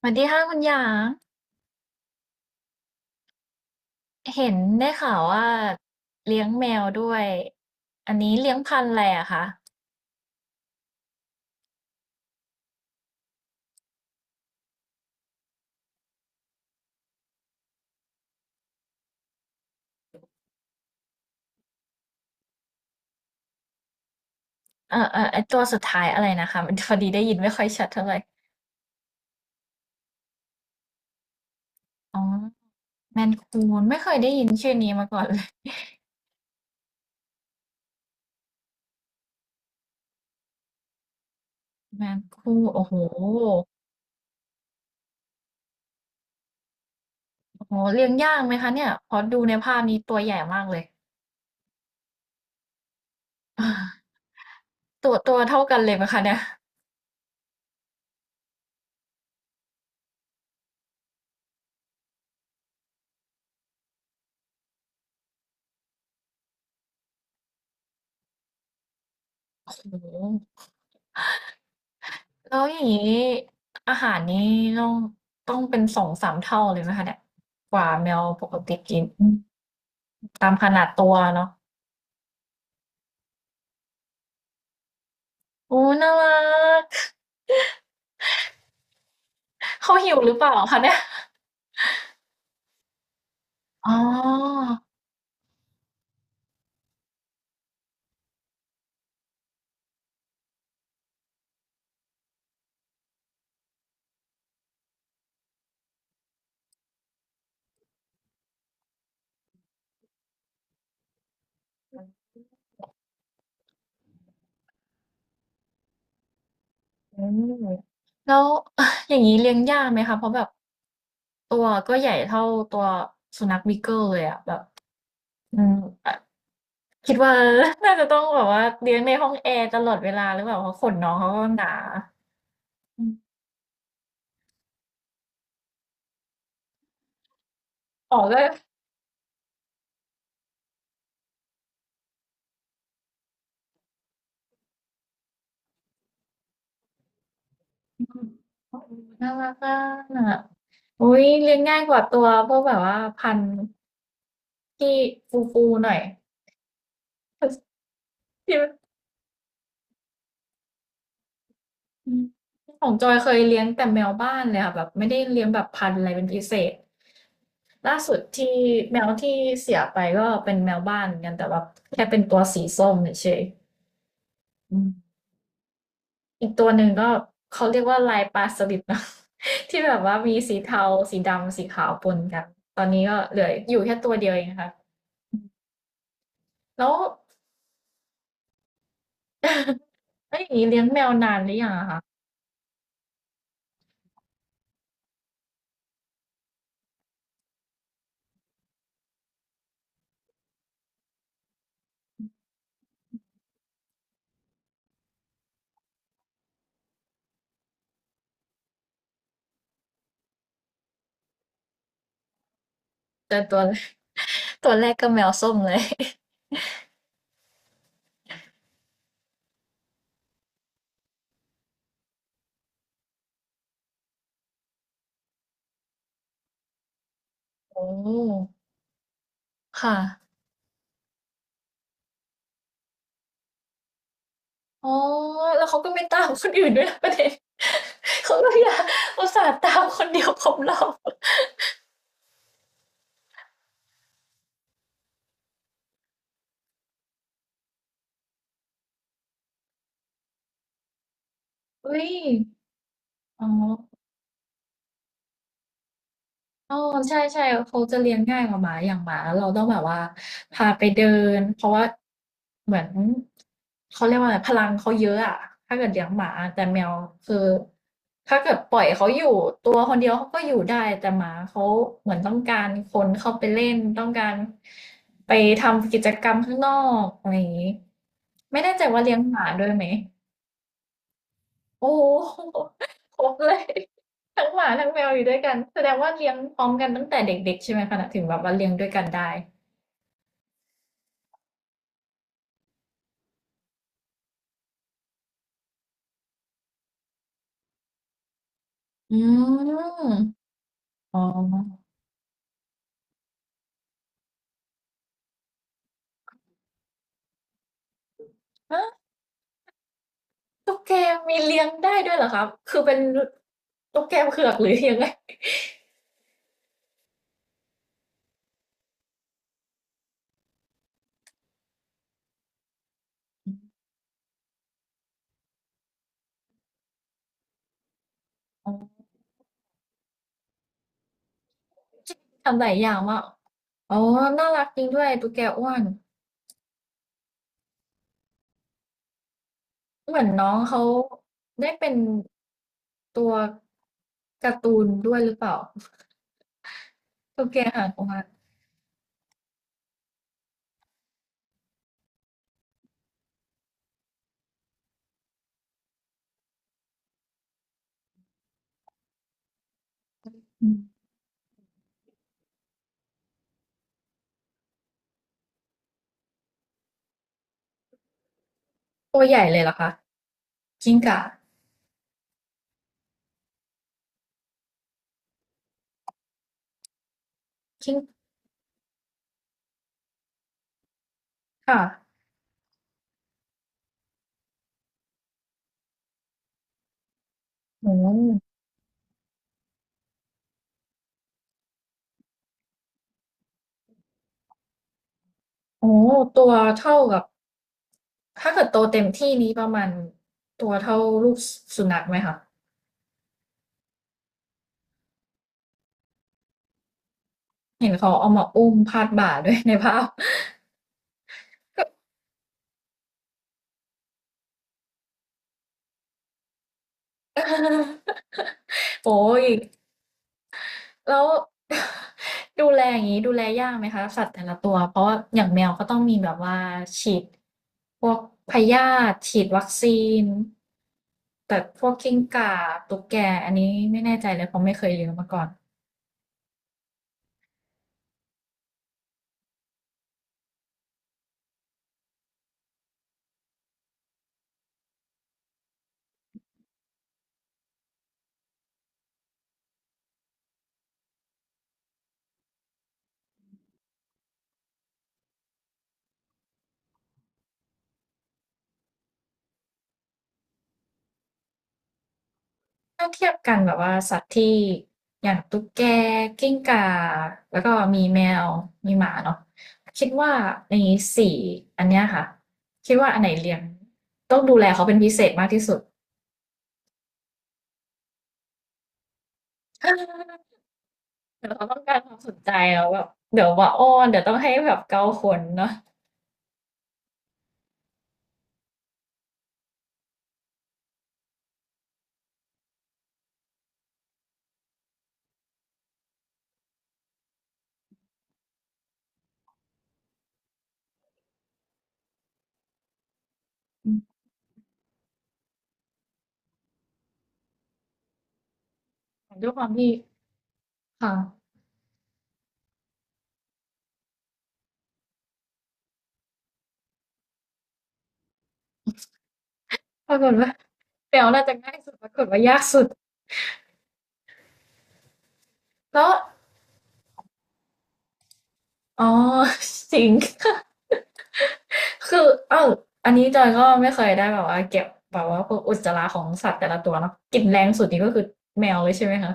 สวัสดีค่ะคุณหยางเห็นได้ข่าวว่าเลี้ยงแมวด้วยอันนี้เลี้ยงพันธุ์อะไรอะคะเออเออไอตัวสุดท้ายอะไรนะคะมันพอดีได้ยินไม่ค่อยชัดเท่าไหร่อ๋อแมนคูนไม่เคยได้ยินชื่อนี้มาก่อนเลยแมนคูนโอ้โหโอ้โหเลี้ยงยากไหมคะเนี่ยพอดูในภาพนี้ตัวใหญ่มากเลย อ่าตัวเท่ากันเลยไหมคะเนี่ยโอ้โห แล้วอย่างนี้อาหารนี้ต้องต้องเป็นสองสามเท่าเลยไหมคะเนี่ยกว่าแมวปกติกินอืมตามขนาดตัวเนาะโอ้น่ารัก เขาหิวหรือเปล่าคะเนี่ยอ๋ออืมแล้ว อย่างนี้เลี้ยงยากไหมคะเพราะแบบตัวก็ใหญ่เท่าตัวสุนัขบีเกิลเลยอะแบบอืมอ่ะคิดว่า น่าจะต้องแบบว่าเลี้ยงในห้องแอร์ตลอดเวลาหรือเปล่าเพราะขนน้องเขาก็หนาอมอกก็ อืมโอ้โฮน่ารักอะอุ๊ยเลี้ยงง่ายกว่าตัวพวกแบบว่าพันธุ์ที่ฟูๆหน่อยที่อืมของจอยเคยเลี้ยงแต่แมวบ้านเลยค่ะแบบไม่ได้เลี้ยงแบบพันธุ์อะไรเป็นพิเศษล่าสุดที่แมวที่เสียไปก็เป็นแมวบ้านเหมือนกันแต่แบบแค่เป็นตัวสีส้มเฉยๆอืมอีกตัวหนึ่งก็เขาเรียกว่าลายปลาสลิดนะ ที่แบบว่ามีสีเทาสีดำสีขาวปนกันตอนนี้ก็เหลืออยู่แค่ตัวเดียวเองค่ะอืมแล้ว เอ้ยอย่างนี้เลี้ยงแมวนานหรือยังอะคะแต่ตัว ตัวแรกก็แมวส้มเลย โอ้ค่ะอ๋อแล้วเขาก็ไม่ตามคนอื่นด้วยนะประเด็น เขาก็อยากอุตส่าห์ตามคนเดียวครบรอบอุ้ยอ๋อ อ๋อใช่ๆเขาจะเลี้ยงง่ายกว่าหมาอย่างหมาเราต้องแบบว่าพาไปเดินเพราะว่าเหมือนเขาเรียกว่าอะไรพลังเขาเยอะอะถ้าเกิดเลี้ยงหมาแต่แมวคือถ้าเกิดปล่อยเขาอยู่ตัวคนเดียวเขาก็อยู่ได้แต่หมาเขาเหมือนต้องการคนเข้าไปเล่นต้องการไปทำกิจกรรมข้างนอกอะไรอย่างงี้ไม่แน่ใจว่าเลี้ยงหมาด้วยไหม โอ้ โฮครบเลย ทั้งหมาทั้งแมวอยู่ด้วยกันแสดงว่าเลี้ยงพร้อมกันตั้งแต่เด็กๆใช่ไหมคะถึงแบบว่าเลี้ยงด้วยกันได้อืมอ๋อฮะตุ๊กแกมีเลี้ยงได้ด้วยเหรอคะคือเป็นตุ๊กแกเผือกหรือยังไงอ๋อ ทำหลายอย่างมากอ๋อน่ารักจริงด้วยตุ๊กแกอ้วนเหมือนน้องเขาได้เป็นตัวการ์ตูนด้วยหรือเปล่าตุ๊กแกหางออกมาอืมตัวใหญ่เลยเหรอคะ กิ้งก่ากิ้งค่ะโอ้โหโอ้โหตัวเท่ากับถ้าเกิดโตเต็มที่นี้ประมาณตัวเท่าลูกสุนัขไหมคะเห็นเขาเอามาอุ้มพาดบ่าด้วยในภาพ โอ้ยแล้ว ดูแลอย่างนี้ดูแลยากไหมคะสัตว์แต่ละตัวเพราะว่าอย่างแมวก็ต้องมีแบบว่าฉีดพวกพยาธิฉีดวัคซีนแต่พวกกิ้งก่าตุ๊กแกอันนี้ไม่แน่ใจเลยเพราะไม่เคยเลี้ยงมาก่อน ถ้าเทียบกันแบบว่าสัตว์ที่อย่างตุ๊กแกกิ้งก่าแล้วก็มีแมวมีหมาเนาะคิดว่าในสี่อันเนี้ยค่ะคิดว่าอันไหนเลี้ยงต้องดูแลเขาเป็นพิเศษมากที่สุด เดี๋ยวเขาต้องการความสนใจแล้วแบบเดี๋ยวว่าอ้อนเดี๋ยวต้องให้แบบเกาขนเนาะอืมด้วยความที่ค่ะปรากฏว่าแมวน่าจะง่ายสุดปรากฏว่ายากสุดแล้วอ๋อ จริง คือเอ้าอันนี้จอยก็ไม่เคยได้แบบว่าเก็บแบบว่าพวกอุจจาระของสัตว์แต่ละตัวเนาะกลิ่นแรงสุดนี่ก็คือแมวเลยใช่ไหมคะ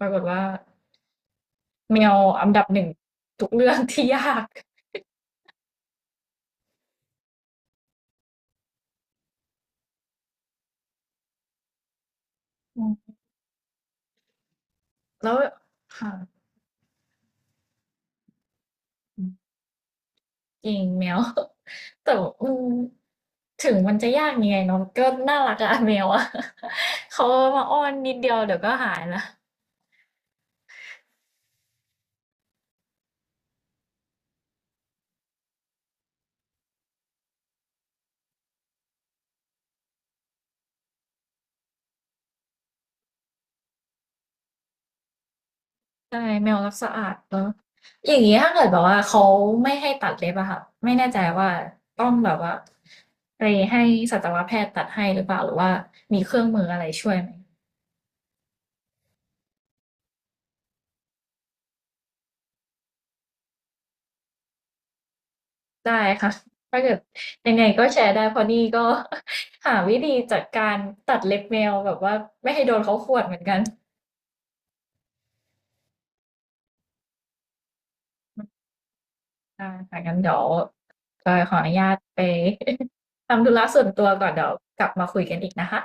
ปรากฏว่าแมวอันดับหนึ่งทุกเรื่องที่ยากอืมแล้วค่ะอืมจริงแมว แต่ว่าอืมถึงมันจะยากยังไงเนาะก็น่ารักอะ แมวอะ เขามาอ้อนนิดเดียวเดี๋ยวก็หายละ ใช่แมวรักสะอาดเนอะอย่างนี้ถ้าเกิดแบบว่าเขาไม่ให้ตัดเล็บอะค่ะไม่แน่ใจว่าต้องแบบว่าไปให้สัตวแพทย์ตัดให้หรือเปล่าหรือว่ามีเครื่องมืออะไรช่วยไหมได้ค่ะถ้าเกิดยังไงก็แชร์ได้เพราะนี่ก็ หาวิธีจัดการตัดเล็บแมวแบบว่าไม่ให้โดนเขาข่วนเหมือนกันได้ค่ะงั้นเดี๋ยวจอยขออนุญาตไป ทำธุระส่วนตัวก่อนเดี๋ยวกลับมาคุยกันอีกนะคะ